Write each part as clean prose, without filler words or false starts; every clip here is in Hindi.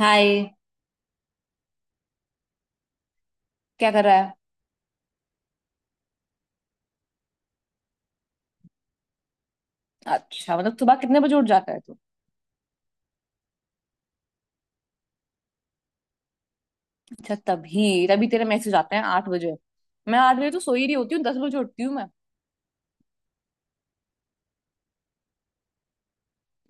हाय। क्या कर रहा है? अच्छा, मतलब सुबह कितने बजे उठ जाता है तू? अच्छा, तभी तभी तेरे मैसेज आते हैं 8 बजे। मैं 8 बजे तो सो ही रही होती हूँ, 10 बजे उठती हूँ मैं।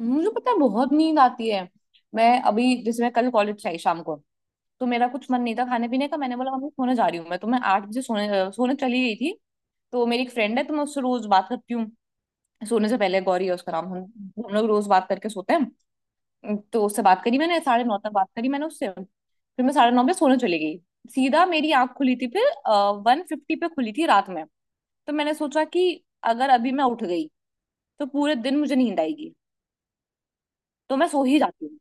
मुझे पता है, बहुत नींद आती है। मैं अभी जैसे, मैं कल कॉलेज से आई शाम को, तो मेरा कुछ मन नहीं था खाने पीने का। मैंने बोला मम्मी सोने जा रही हूँ मैं, तो मैं 8 बजे सोने चली गई थी। तो मेरी एक फ्रेंड है, तो मैं उससे रोज बात करती हूँ सोने से पहले, गौरी है उसका नाम। हम लोग रोज बात करके सोते हैं। तो उससे बात करी मैंने, 9:30 तक बात करी मैंने उससे, फिर मैं 9:30 बजे सोने चली गई। सीधा मेरी आंख खुली थी फिर, 1:50 पे खुली थी रात में। तो मैंने सोचा कि अगर अभी मैं उठ गई तो पूरे दिन मुझे नींद आएगी, तो मैं सो ही जाती हूँ।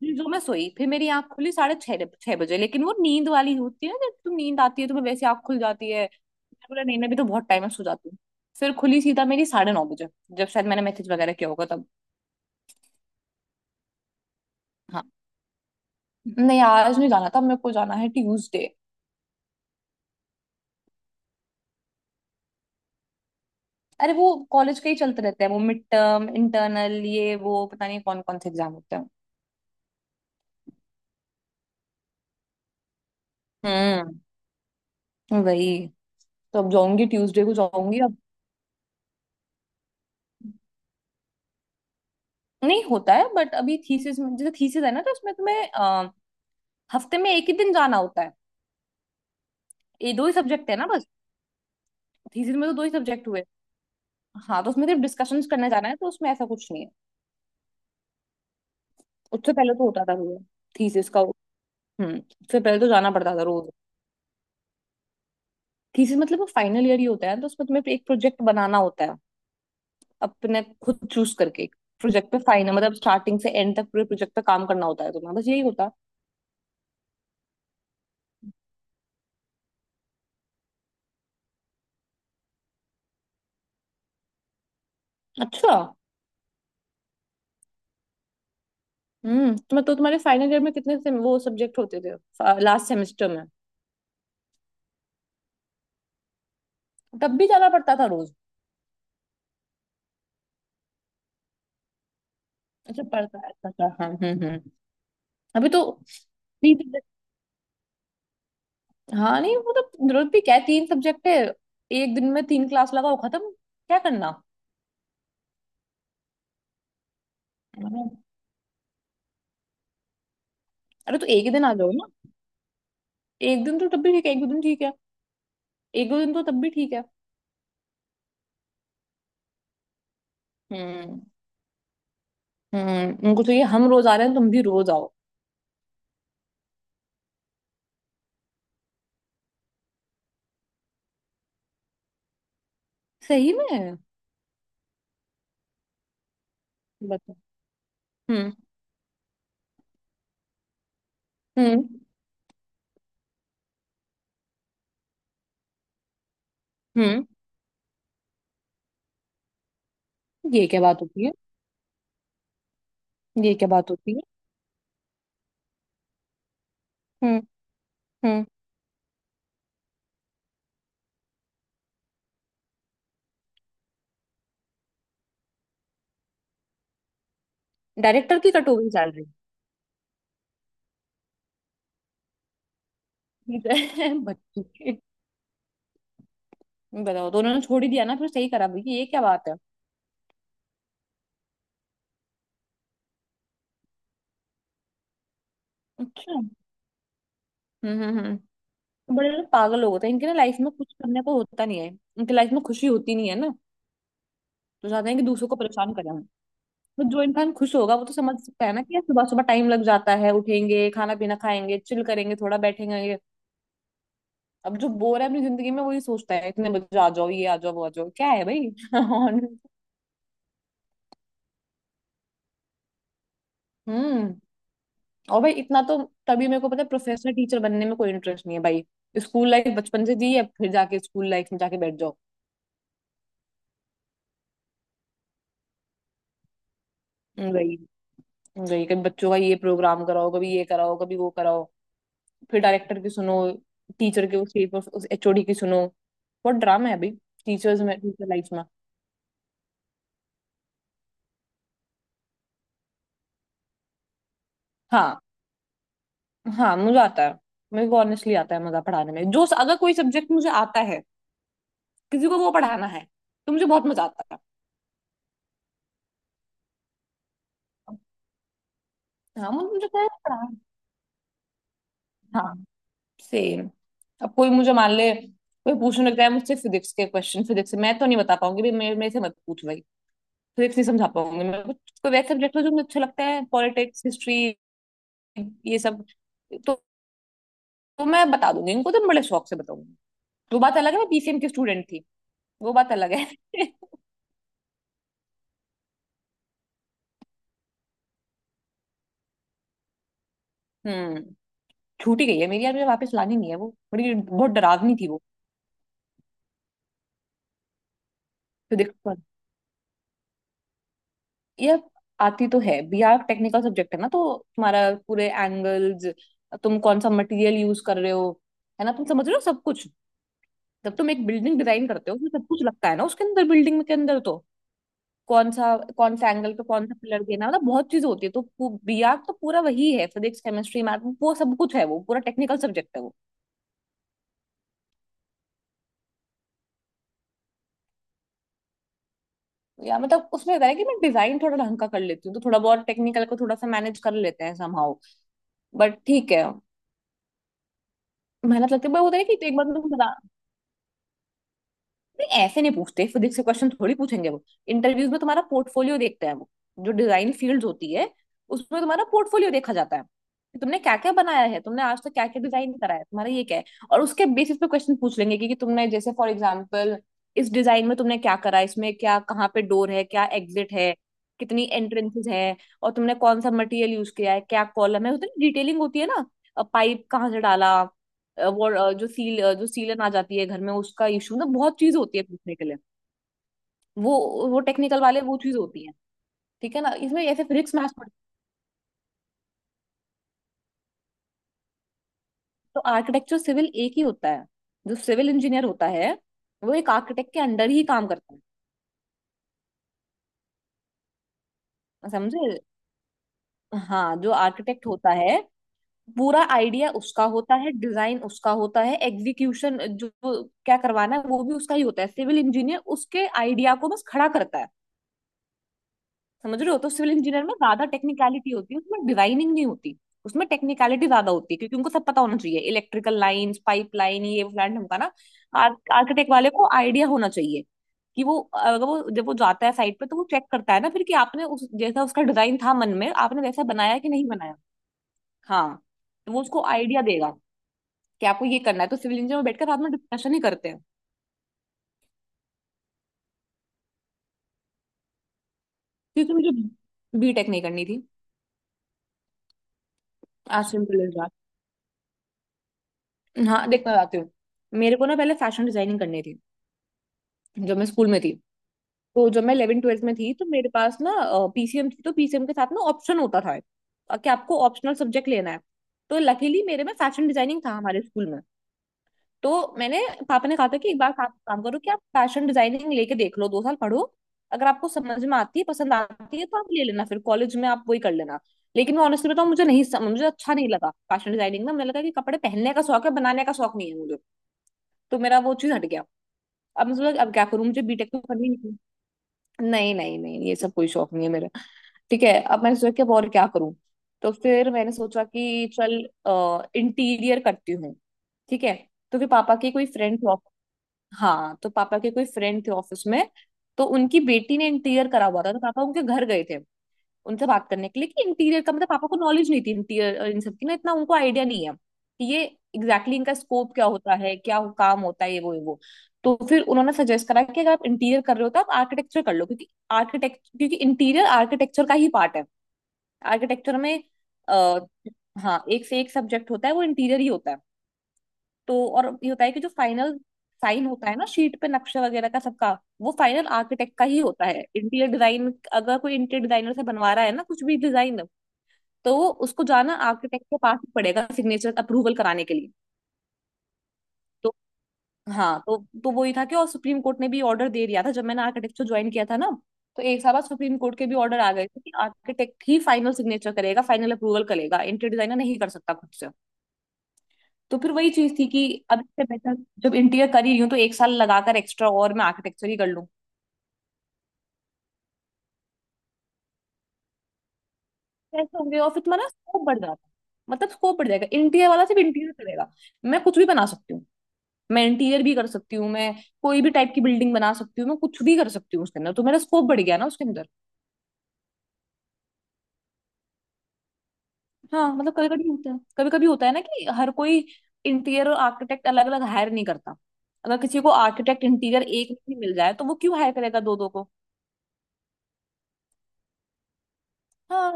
फिर जो मैं सोई, फिर मेरी आंख खुली साढ़े छह छह बजे, लेकिन वो नींद वाली होती है ना, जब तुम, नींद आती है तुम्हें वैसे आंख खुल जाती है। मैंने बोला नहीं, मैं भी तो बहुत टाइम में सो जाती हूँ। फिर खुली सीधा मेरी 9:30 बजे, जब शायद मैंने मैसेज वगैरह किया होगा तब। हाँ। नहीं, आज नहीं जाना था, मेरे को जाना है ट्यूसडे। अरे, वो कॉलेज का ही चलते रहते हैं वो, मिड टर्म, इंटरनल, ये वो, पता नहीं कौन कौन से एग्जाम होते हैं। हम्म, वही। तो अब जाऊंगी, ट्यूसडे को जाऊंगी अब। नहीं होता है, बट अभी थीसिस में, जैसे थीसिस है ना, तो उसमें तुम्हें हफ्ते में एक ही दिन जाना होता है। ये दो ही सब्जेक्ट है ना बस, थीसिस में तो दो ही सब्जेक्ट हुए। हाँ, तो उसमें सिर्फ डिस्कशन करने जाना है, तो उसमें ऐसा कुछ नहीं है। उससे पहले तो होता था रोज, थीसिस का। उससे पहले तो जाना पड़ता था रोज। थीसिस मतलब फाइनल ईयर ही होता है, तो उसमें तुम्हें एक प्रोजेक्ट बनाना होता है, अपने खुद चूज करके। प्रोजेक्ट पे फाइन है, मतलब स्टार्टिंग से एंड तक पूरे प्रोजेक्ट पे काम करना होता है तुम्हें, बस यही होता है। अच्छा। तुम्हें तो, तुम्हारे फाइनल ईयर में कितने से वो सब्जेक्ट होते थे लास्ट सेमेस्टर में? तब भी जाना पड़ता था रोज? अच्छा, पड़ता है, अच्छा, अच्छा, हाँ, हम्म, हम्म। अभी तो तीन सब्जेक्ट। हाँ नहीं, वो तो रोज भी क्या है, तीन सब्जेक्ट है, एक दिन में तीन क्लास लगाओ खत्म, क्या करना? अरे, अरे तो एक ही दिन आ जाओ ना, एक दिन तो तब भी ठीक है, एक दो दिन ठीक है। एक दो दिन तो तब भी ठीक है। हम्म। उनको चाहिए हम रोज आ रहे हैं, तुम भी रोज आओ। सही में? बताओ। हम्म, हम्म, हम्म। ये क्या बात होती है? ये क्या बात होती है? हम्म, हम्म। डायरेक्टर की कट हो गई सैलरी? बच्चों की। बताओ, तो उन्होंने छोड़ ही दिया ना फिर, सही करा भाई, ये क्या बात है? अच्छा। हम्म, हम्म, हम्म। बड़े लोग पागल लोग होते हैं, इनके ना लाइफ में कुछ करने को होता नहीं है, इनके लाइफ में खुशी होती नहीं है ना, तो चाहते हैं कि दूसरों को परेशान करें हम। तो जो इंसान खुश होगा वो तो समझ सकता है ना कि यार सुबह सुबह टाइम लग जाता है, उठेंगे, खाना पीना खाएंगे, चिल करेंगे, थोड़ा बैठेंगे। अब जो बोर है अपनी जिंदगी में वही सोचता है इतने बजे आ जाओ, ये आ जाओ, वो आ जाओ, क्या है भाई? और। हम्म और भाई इतना तो, तभी मेरे को पता है प्रोफेसर टीचर बनने में कोई इंटरेस्ट नहीं है भाई। स्कूल लाइफ बचपन से जी है, फिर जाके स्कूल लाइफ में जाके बैठ जाओ, गई। गई, कभी बच्चों का ये प्रोग्राम कराओ, कभी ये कराओ, कभी वो कराओ, फिर डायरेक्टर की सुनो, टीचर के, उसकी, उस HOD की सुनो। बहुत ड्रामा है भाई, टीचर्स में, टीचर लाइफ में। हाँ, हाँ मुझे आता है। मेरे को ऑनेस्टली आता है मजा पढ़ाने में, जो अगर कोई सब्जेक्ट मुझे आता है, किसी को वो पढ़ाना है, तो मुझे बहुत मजा आता था। हाँ, मुझे मुझे क्या है पढ़ा। हाँ। सेम। अब कोई मुझे मान ले, कोई पूछने लगता है मुझसे फिजिक्स के क्वेश्चन, फिजिक्स से मैं तो नहीं बता पाऊंगी भाई, मेरे मेरे से मत पूछ भाई। फिजिक्स नहीं समझा पाऊंगी मैं कोई वैसे सब्जेक्ट हो जो मुझे अच्छा लगता है, पॉलिटिक्स, हिस्ट्री, ये सब, तो, तो मैं बता दूंगी इनको, तो मैं बड़े शौक से बताऊंगी। वो बात अलग है, मैं PCM की स्टूडेंट थी। वो बात अलग है। हम्म छूटी गई है मेरी यार, मुझे वापस लानी नहीं है, वो बड़ी बहुत डरावनी थी वो, फिजिक्स ये। आती तो है, BR टेक्निकल सब्जेक्ट है ना, तो तुम्हारा, पूरे एंगल्स, तुम कौन सा मटेरियल यूज कर रहे हो, है ना, तुम समझ रहे हो सब कुछ। जब तुम एक बिल्डिंग डिजाइन करते हो उसमें सब कुछ लगता है ना, उसके अंदर, बिल्डिंग के अंदर तो, कौन सा, कौन सा एंगल पे कौन सा पिलर देना, मतलब बहुत चीज होती है। तो BR तो पूरा वही है, फिजिक्स, केमिस्ट्री, मैथ, वो सब कुछ है, वो पूरा टेक्निकल सब्जेक्ट है वो। या मतलब उसमें होता है कि मैं डिजाइन थोड़ा ढंग का कर लेती हूँ, तो थोड़ा बहुत टेक्निकल को थोड़ा सा मैनेज कर लेते हैं समहाउ, बट ठीक है। मेहनत लगती है, पर होता है कि एक बार तो तुम बना। नहीं, ऐसे नहीं पूछते, फिजिक्स से क्वेश्चन थोड़ी पूछेंगे वो। इंटरव्यूज में तुम्हारा पोर्टफोलियो देखते हैं वो, जो डिजाइन फील्ड होती है उसमें तुम्हारा पोर्टफोलियो देखा जाता है, कि तुमने क्या क्या बनाया है, तुमने आज तक क्या क्या डिजाइन करा है, तुम्हारा ये क्या है। और उसके बेसिस पे क्वेश्चन पूछ लेंगे कि तुमने, जैसे फॉर एग्जाम्पल, इस डिजाइन में तुमने क्या करा है, इसमें क्या, कहाँ पे डोर है, क्या एग्जिट है, कितनी एंट्रेंसेस है, और तुमने कौन सा मटेरियल यूज किया है, क्या कॉलम है, उतनी डिटेलिंग होती है ना, पाइप कहाँ से डाला। वो जो सीलन आ जाती है घर में, उसका इशू ना, बहुत चीज होती है पूछने के लिए वो। वो टेक्निकल वाले वो चीज होती है, ठीक है ना, इसमें ऐसे फिजिक्स मैथ्स पढ़ते हैं। तो आर्किटेक्चर सिविल एक ही होता है। जो सिविल इंजीनियर होता है वो एक आर्किटेक्ट के अंडर ही काम करता है, समझे? हाँ, जो आर्किटेक्ट होता है, पूरा आइडिया उसका होता है, डिजाइन उसका होता है, एग्जीक्यूशन, जो जो क्या करवाना है वो भी उसका ही होता है। सिविल इंजीनियर उसके आइडिया को बस खड़ा करता है, समझ रहे हो? तो सिविल इंजीनियर में ज्यादा टेक्निकलिटी होती है, उसमें डिजाइनिंग नहीं होती, उसमें टेक्निकलिटी ज्यादा होती है, क्योंकि उनको सब पता होना चाहिए, इलेक्ट्रिकल लाइंस, पाइप लाइन, ये फ्लैट हमका ना। आर्किटेक्ट वाले को आइडिया होना चाहिए, कि वो, अगर वो, जब वो जाता है साइट पे, तो वो चेक करता है ना फिर, कि आपने, उस जैसा उसका डिजाइन था मन में, आपने वैसा बनाया कि नहीं बनाया। हाँ, तो वो उसको आइडिया देगा कि आपको ये करना है, तो सिविल इंजीनियर में बैठकर साथ में डिस्कशन ही करते हैं। क्योंकि मुझे B.Tech नहीं करनी थी। आज सिंपल इज दैट। हाँ, देख मैं बताती हूँ। मेरे को ना पहले फैशन डिजाइनिंग करनी थी, जब मैं स्कूल में थी। तो जब मैं 11 12th में थी, तो मेरे पास ना PCM थी, तो PCM के साथ ना ऑप्शन होता था, कि आपको ऑप्शनल सब्जेक्ट लेना है। तो लकीली मेरे में फैशन डिजाइनिंग था हमारे स्कूल में, तो मैंने पापा ने कहा था कि एक बार आप काम करो, कि आप फैशन डिजाइनिंग लेके देख लो, 2 साल पढ़ो, अगर आपको समझ में आती है, पसंद आती है, तो आप ले लेना फिर, कॉलेज में आप वही कर लेना। लेकिन मैं ऑनेस्टली बताऊं, मुझे नहीं मुझे अच्छा नहीं लगा फैशन डिजाइनिंग में। मुझे लगा कि कपड़े पहनने का शौक है, बनाने का शौक नहीं है मुझे, तो मेरा वो चीज हट गया। अब मुझे लगा, अब क्या करूं, मुझे B.Tech तो करनी नहीं। नहीं नहीं नहीं, ये सब कोई शौक नहीं है मेरा। ठीक है, अब मैंने सोचा कि अब और क्या करूं। तो फिर मैंने सोचा कि चल इंटीरियर करती हूँ, ठीक है। तो फिर पापा के कोई फ्रेंड थे ऑफिस, हाँ तो पापा के कोई फ्रेंड थे ऑफिस में, तो उनकी बेटी ने इंटीरियर करा हुआ था, तो पापा उनके घर गए थे उनसे बात करने के लिए, कि इंटीरियर का मतलब, पापा को नॉलेज नहीं थी इंटीरियर और इन सब की ना, इतना उनको आइडिया नहीं है कि ये एग्जैक्टली exactly इनका स्कोप क्या होता है, क्या वो काम होता है, ये वो, ये वो। तो फिर उन्होंने सजेस्ट करा कि अगर आप इंटीरियर कर रहे हो तो आप आर्किटेक्चर कर लो, क्योंकि आर्किटेक्ट, क्योंकि इंटीरियर आर्किटेक्चर का ही पार्ट है, आर्किटेक्चर में आ, हाँ एक से एक सब्जेक्ट होता है वो इंटीरियर ही होता है। तो और ये होता है कि जो फाइनल साइन होता है ना, शीट पे नक्शा वगैरह का सबका, वो फाइनल आर्किटेक्ट का ही होता है। इंटीरियर डिजाइन अगर कोई इंटीरियर डिजाइनर से बनवा रहा है ना कुछ भी डिजाइन, तो वो उसको जाना आर्किटेक्ट के पास ही पड़ेगा सिग्नेचर अप्रूवल कराने के लिए। तो हाँ, तो वही था कि, और सुप्रीम कोर्ट ने भी ऑर्डर दे दिया था जब मैंने आर्किटेक्चर ज्वाइन किया था ना। तो एक साल बाद सुप्रीम कोर्ट के भी ऑर्डर आ गए थे कि आर्किटेक्ट ही फाइनल सिग्नेचर करेगा, फाइनल अप्रूवल करेगा, इंटीरियर डिजाइनर नहीं कर सकता खुद से। तो फिर वही चीज थी कि अब इससे बेटर, जब इंटीरियर कर ही रही हूँ तो एक साल लगाकर एक्स्ट्रा और मैं आर्किटेक्चर ही कर लूँ। ऐसे होंगे और फिर तुम्हारा स्कोप बढ़ जाता है। मतलब स्कोप बढ़ जाएगा, इंटीरियर वाला सिर्फ इंटीरियर करेगा। मैं कुछ भी बना सकती हूँ, मैं इंटीरियर भी कर सकती हूँ, मैं कोई भी टाइप की बिल्डिंग बना सकती हूँ, मैं कुछ भी कर सकती हूँ उसके अंदर। तो मेरा स्कोप बढ़ गया ना उसके अंदर। हाँ, मतलब कभी कभी होता है, कभी कभी होता है ना कि हर कोई इंटीरियर और आर्किटेक्ट अलग अलग हायर नहीं करता। अगर किसी को आर्किटेक्ट इंटीरियर एक नहीं मिल जाए, तो वो क्यों हायर करेगा दो दो को। हाँ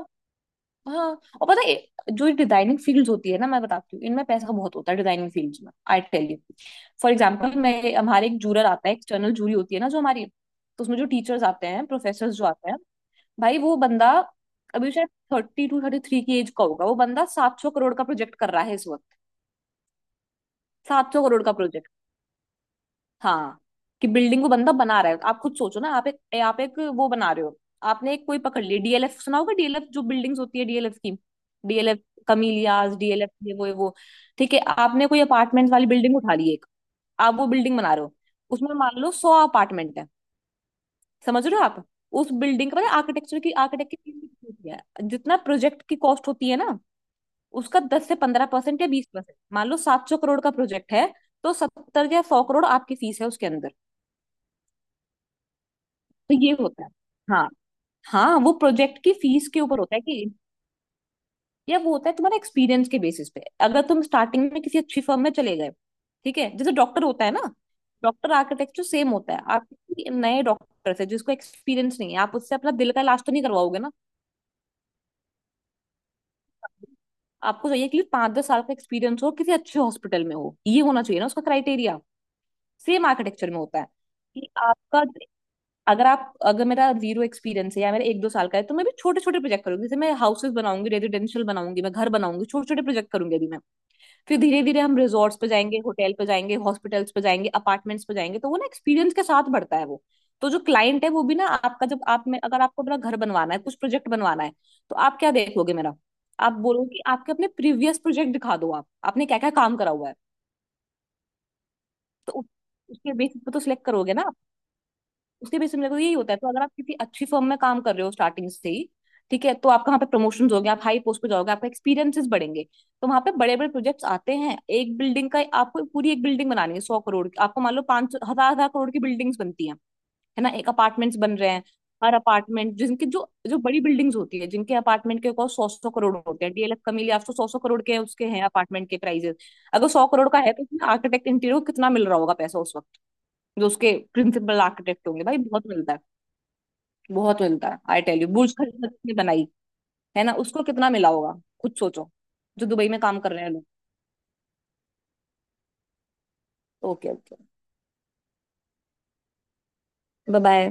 हाँ। और पता है, जो डिजाइनिंग फील्ड्स होती है ना, मैं बताती हूँ, इनमें पैसा बहुत होता है डिजाइनिंग फील्ड्स में। I tell you, for example, मैं हमारे एक जूरर आता है, एक्सटर्नल जूरी होती है ना जो हमारी, तो उसमें जो टीचर्स आते हैं, प्रोफेसर जो आते हैं, भाई वो बंदा अभी शायद 32 33 की एज का होगा, वो बंदा 700 करोड़ का प्रोजेक्ट कर रहा है इस वक्त। सात सौ करोड़ का प्रोजेक्ट। हाँ, कि बिल्डिंग को बंदा बना रहा है। आप खुद सोचो ना, आप एक वो बना रहे हो। आपने एक कोई पकड़ लिया, डीएलएफ सुना होगा, डीएलएफ जो बिल्डिंग्स होती है डीएलएफ की। डीएलएफ कमीलियाज, डीएलएफ ये वो ये वो, ठीक है। आपने कोई अपार्टमेंट वाली बिल्डिंग उठा ली एक, आप वो बिल्डिंग बना रहे हो, उसमें मान लो 100 अपार्टमेंट है। समझ रहे हो आप, उस बिल्डिंग का आर्किटेक्चर की आर्किटेक्ट की फीस कितनी होती है, जितना प्रोजेक्ट की कॉस्ट होती है ना, उसका 10 से 15% या 20%। मान लो 700 करोड़ का प्रोजेक्ट है, तो 70 या 100 करोड़ आपकी फीस है उसके अंदर। तो ये होता है। हाँ हाँ, वो प्रोजेक्ट की फीस के ऊपर होता है कि, या वो होता है तुम्हारे एक्सपीरियंस के बेसिस पे। अगर तुम स्टार्टिंग में किसी अच्छी फर्म में चले गए, ठीक है, जैसे डॉक्टर होता है ना, डॉक्टर आर्किटेक्चर तो सेम होता है। आप किसी नए डॉक्टर से जिसको एक्सपीरियंस नहीं है, आप उससे अपना दिल का इलाज तो नहीं करवाओगे ना। आपको चाहिए कि 5 10 साल का एक्सपीरियंस हो, किसी अच्छे हॉस्पिटल में हो, ये होना चाहिए ना उसका क्राइटेरिया। सेम आर्किटेक्चर में होता है, कि आपका, अगर मेरा जीरो एक्सपीरियंस है या मेरा 1 2 साल का है, तो मैं भी छोटे छोटे प्रोजेक्ट करूंगी, जैसे मैं हाउसेस बनाऊंगी, रेजिडेंशियल बनाऊंगी, मैं घर बनाऊंगी, छोटे छोटे प्रोजेक्ट करूंगी अभी मैं। फिर धीरे धीरे हम रिजॉर्ट्स पे जाएंगे, होटल पे जाएंगे, हॉस्पिटल्स पे जाएंगे, अपार्टमेंट्स पे जाएंगे। तो वो ना एक्सपीरियंस के साथ बढ़ता है वो। तो जो क्लाइंट है वो भी ना आपका, जब आप में, अगर आपको अपना घर बनवाना है, कुछ प्रोजेक्ट बनवाना है, तो आप क्या देखोगे मेरा। आप बोलोगे कि आपके अपने प्रीवियस प्रोजेक्ट दिखा दो, आप आपने क्या क्या काम करा हुआ है। तो उसके बेसिस पे तो सिलेक्ट करोगे ना। उसके बेस पे मेरे को यही होता है। तो अगर आप किसी अच्छी फर्म में काम कर रहे हो स्टार्टिंग से ही, ठीक है, तो आपका वहाँ पे प्रमोशन होगे, आप हाई पोस्ट पे जाओगे, आपका एक्सपीरियंसेस बढ़ेंगे। तो वहाँ पे बड़े बड़े प्रोजेक्ट्स आते हैं, एक बिल्डिंग का आपको पूरी एक बिल्डिंग बनानी है, 100 करोड़ की। आपको मान लो 5000 हजार करोड़ की बिल्डिंग्स बनती हैं, है ना। एक अपार्टमेंट्स बन रहे हैं, हर अपार्टमेंट, जिनके जो जो बड़ी बिल्डिंग्स होती है, जिनके अपार्टमेंट के कॉस्ट 100 100 करोड़ होते हैं। डीएलएफ कमीलिया, आपको 100 100 करोड़ के उसके हैं अपार्टमेंट के प्राइजेस। अगर 100 करोड़ का है, तो उसमें आर्किटेक्ट इंटीरियर को कितना मिल रहा होगा पैसा उस वक्त, जो उसके प्रिंसिपल आर्किटेक्ट होंगे, भाई बहुत मिलता है। बहुत मिलता है, I tell you. Burj Khalifa किसने बनाई, है ना, उसको कितना मिला होगा, खुद सोचो। जो दुबई में काम कर रहे हैं लोग। Okay okay, bye bye.